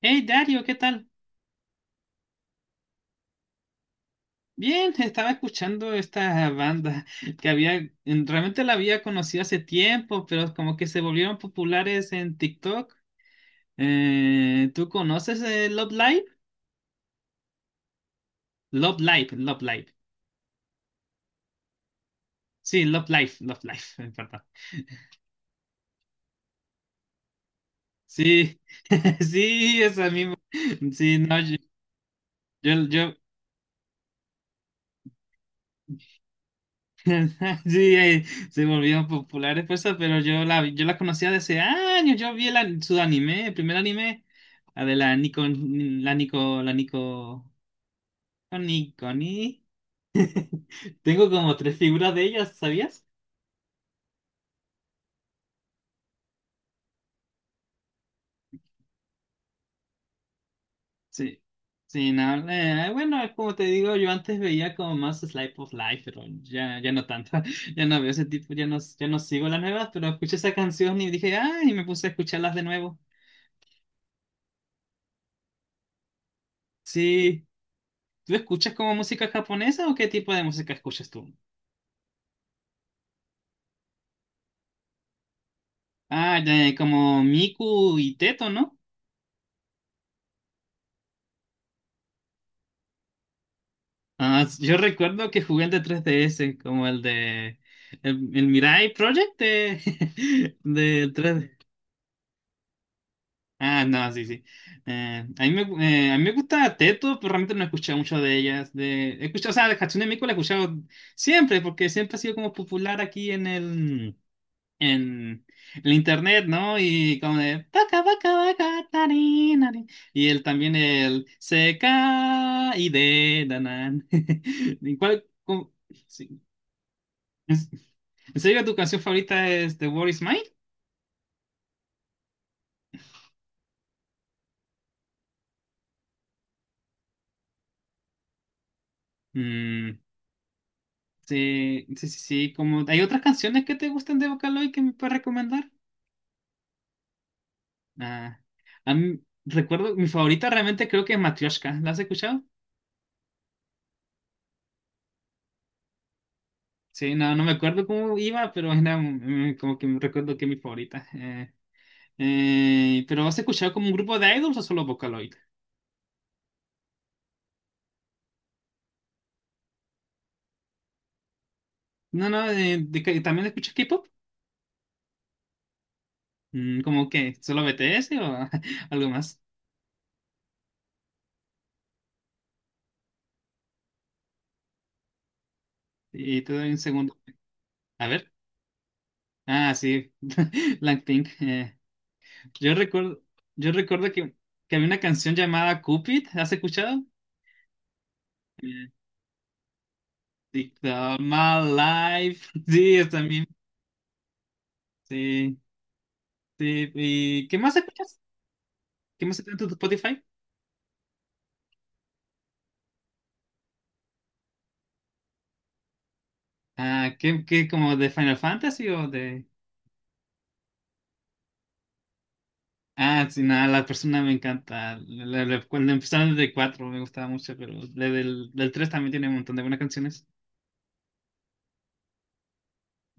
Hey Dario, ¿qué tal? Bien, estaba escuchando esta banda que había, realmente la había conocido hace tiempo, pero como que se volvieron populares en TikTok. ¿Tú conoces Love Live? Love Live, Love Live. Sí, Love Live, Love Live, perdón. Sí, sí, esa misma. Sí, no, yo, yo- Sí, se volvieron populares por eso, pero yo la conocía desde años. Yo vi su anime, el primer anime, la de la Nico, la Nico, la Nico, Nico, ni. Tengo como tres figuras de ellas, ¿sabías? Sí. Sí, no, bueno, es como te digo, yo antes veía como más Slice of Life, pero ya, ya no tanto, ya no veo ese tipo, ya no, ya no sigo las nuevas, pero escuché esa canción y dije, ay, y me puse a escucharlas de nuevo. Sí. ¿Tú escuchas como música japonesa o qué tipo de música escuchas tú? Ah, ya, ya, como Miku y Teto, ¿no? Yo recuerdo que jugué el de 3DS, como el de... El Mirai Project de 3D. Ah, no, sí, sí. A mí me gusta Teto, pero realmente no he escuchado mucho de ellas. He escuchado, o sea, de Hatsune Miku la he escuchado siempre, porque siempre ha sido como popular aquí en el internet, ¿no? Y como de "Vaca, vaca, vaca, tari, nari". Y él también el se y de danan. ¿Y cuál? Sí. ¿En en serio tu canción favorita es The World Is Mine? Mm, sí, sí, sí, sí. Como, ¿hay otras canciones que te gustan de Vocaloid que me puedes recomendar? Ah, a mí- Recuerdo, mi favorita realmente creo que es Matryoshka. ¿La has escuchado? Sí, no, no me acuerdo cómo iba, pero era como que me recuerdo que es mi favorita. Pero ¿has escuchado como un grupo de idols o solo Vocaloid? No, no. ¿También escuchas K-pop? Mm, ¿Cómo que? ¿Solo BTS o algo más? Y te doy un segundo. A ver. Ah, sí, Blackpink. Yo recuerdo, yo recuerdo que había una canción llamada Cupid. ¿Has escuchado? Eh, TikTok, My Life. Sí, yo también. Sí, sí. ¿Y qué más escuchas? ¿Qué más escuchas en tu Spotify? Ah, ¿qué, como de Final Fantasy o de...? Ah, sí, nada, la persona me encanta. Cuando empezaron desde 4 me gustaba mucho, pero la del 3 también tiene un montón de buenas canciones.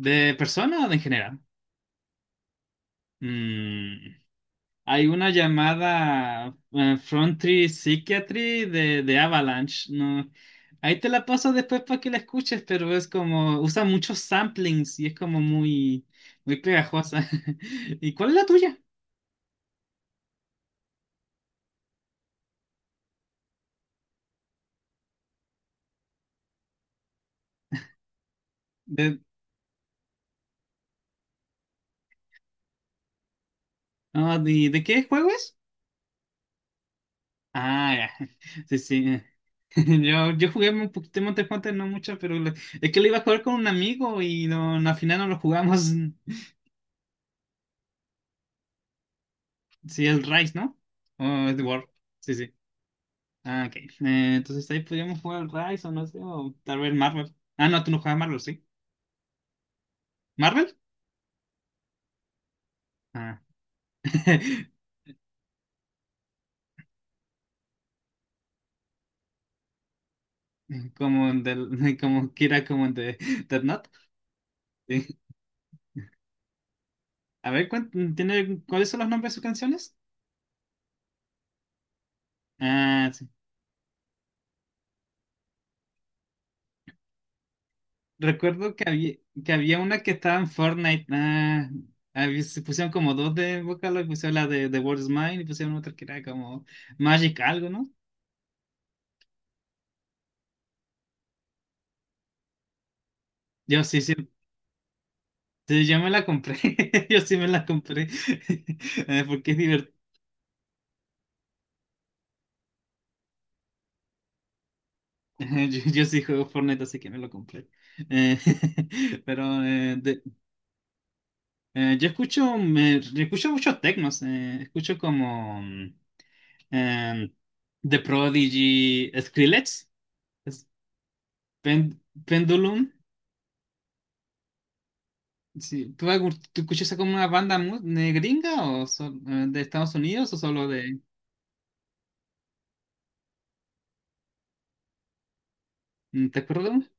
¿De persona o de en general? Mm, hay una llamada Frontry Psychiatry de Avalanche. No, ahí te la paso después para que la escuches, pero es como, usa muchos samplings y es como muy, muy pegajosa. ¿Y cuál es la tuya? ¿De, de qué juego es? Ah, ya. Sí, sí. Yo jugué un poquito de Monster Hunter, no mucho, pero es que lo iba a jugar con un amigo y no, no, al final no lo jugamos. Sí, el Rise, ¿no? O es The World. Sí, sí. Ah, ok. Entonces ahí podríamos jugar el Rise o no sé, o tal vez Marvel. Ah, no, tú no juegas Marvel, ¿sí? ¿Marvel? Ah. Como, del, como Kira, como de Death Note. Sí. A ver, ¿cuáles son los nombres de sus canciones? Ah, sí. Recuerdo que había una que estaba en Fortnite. Se pusieron como dos de Vocaloid, pusieron la de The World Is Mine y pusieron otra que era como Magic algo, ¿no? Yo sí, sí, sí, yo me la compré. Yo sí me la compré. Porque es divertido. Yo sí juego Fortnite, así que me lo compré. Eh, pero yo escucho muchos tecnos. Escucho como em, The Prodigy, Skrillex, es- Pen- Pendulum. Sí. Tú escuchas como una banda gringa o de Estados Unidos o solo de... ¿Te acuerdas de una?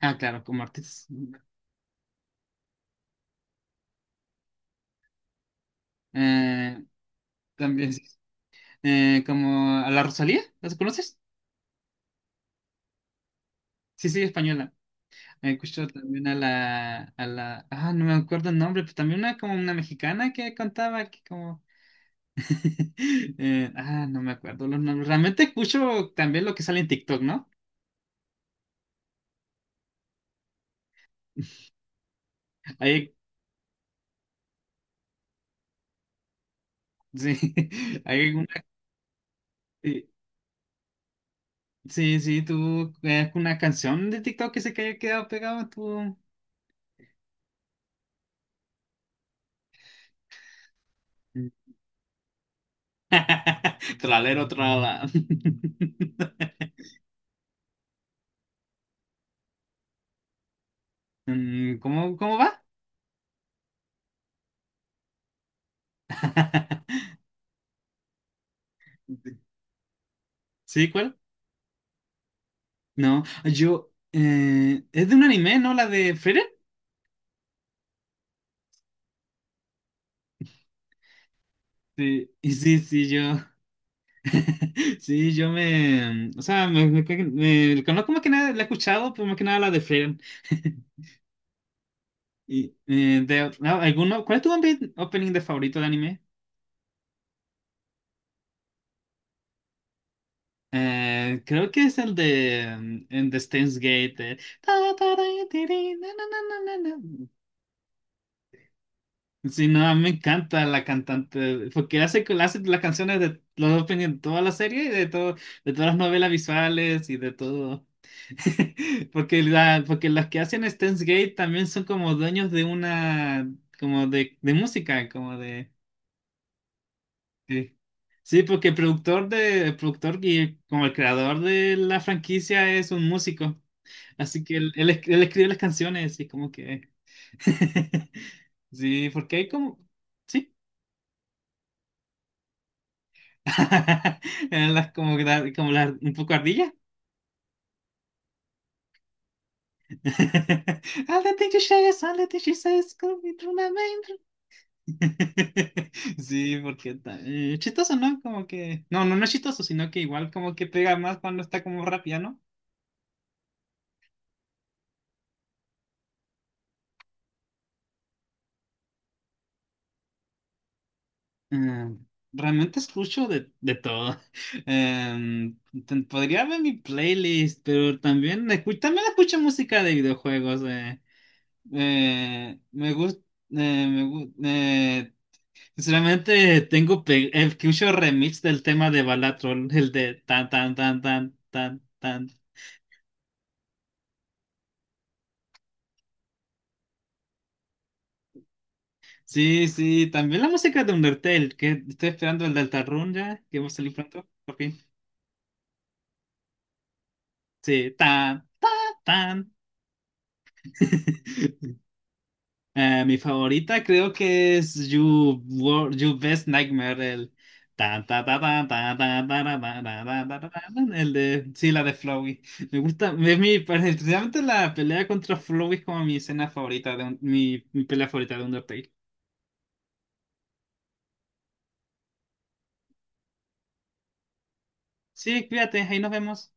Ah, claro, como artistas. Eh, También, sí. Como a la Rosalía, ¿las conoces? Sí, sí, española. Escucho también Ah, no me acuerdo el nombre, pero también una como una mexicana que cantaba que como... Ah, no me acuerdo los nombres. Realmente escucho también lo que sale en TikTok, ¿no? Hay, sí, hay una... Sí, sí, sí, tú es una canción de TikTok que se que haya quedado pegada, tú. Tralero, trala. Mm, ¿Cómo va? ¿Sí, cuál? No, yo. Es de un anime, ¿no? La de Frieren. Sí, y sí, sí, yo. Sí, yo me. O sea, conozco más que nada, la he escuchado, pero más que nada la de Frieren. Y, de, no, ¿alguno, ¿cuál es tu opening de favorito de anime? Creo que es el de en The Steins Gate. Ta, ta, ra, tiri, na, na, na, na, na, na. Sí, no, a mí me encanta la cantante, porque hace las canciones de los openings de toda la serie y de todo, de todas las novelas visuales y de todo. Porque las que hacen Steins Gate también son como dueños de una, como de música, como de... Sí. Sí, porque el productor y como el creador de la franquicia es un músico. Así que él escribe las canciones y es como que... Sí, porque hay como... Sí. Eran las como, como las un poco ardillas. All the things she says, all the things she says, could be true, my man. Sí, porque chistoso, ¿no? Como que... No, no, no es chistoso, sino que igual como que pega más cuando está como rápida. Mm, realmente escucho de todo. Em, Podría ver mi playlist, pero también, también escucho música de videojuegos. Me gusta. me gu- eh, Sinceramente, escucho remix del tema de Balatrol, el de tan, tan, tan, tan, tan, tan. Sí, sí, también la música de Undertale, que estoy esperando el de Altarrun ya, que va a salir pronto. Por fin. Sí, tan, tan, tan. Mi favorita creo que es You Best Nightmare, el tan, ta, ta, ta, ta, ta, ta, ra, ta, ra, ta, ta, ta, ta, el de sí, la de Flowey. Me gusta, realmente la pelea contra Flowey es como mi escena favorita de mi pelea favorita de Undertale. Sí, cuídate, ahí nos vemos.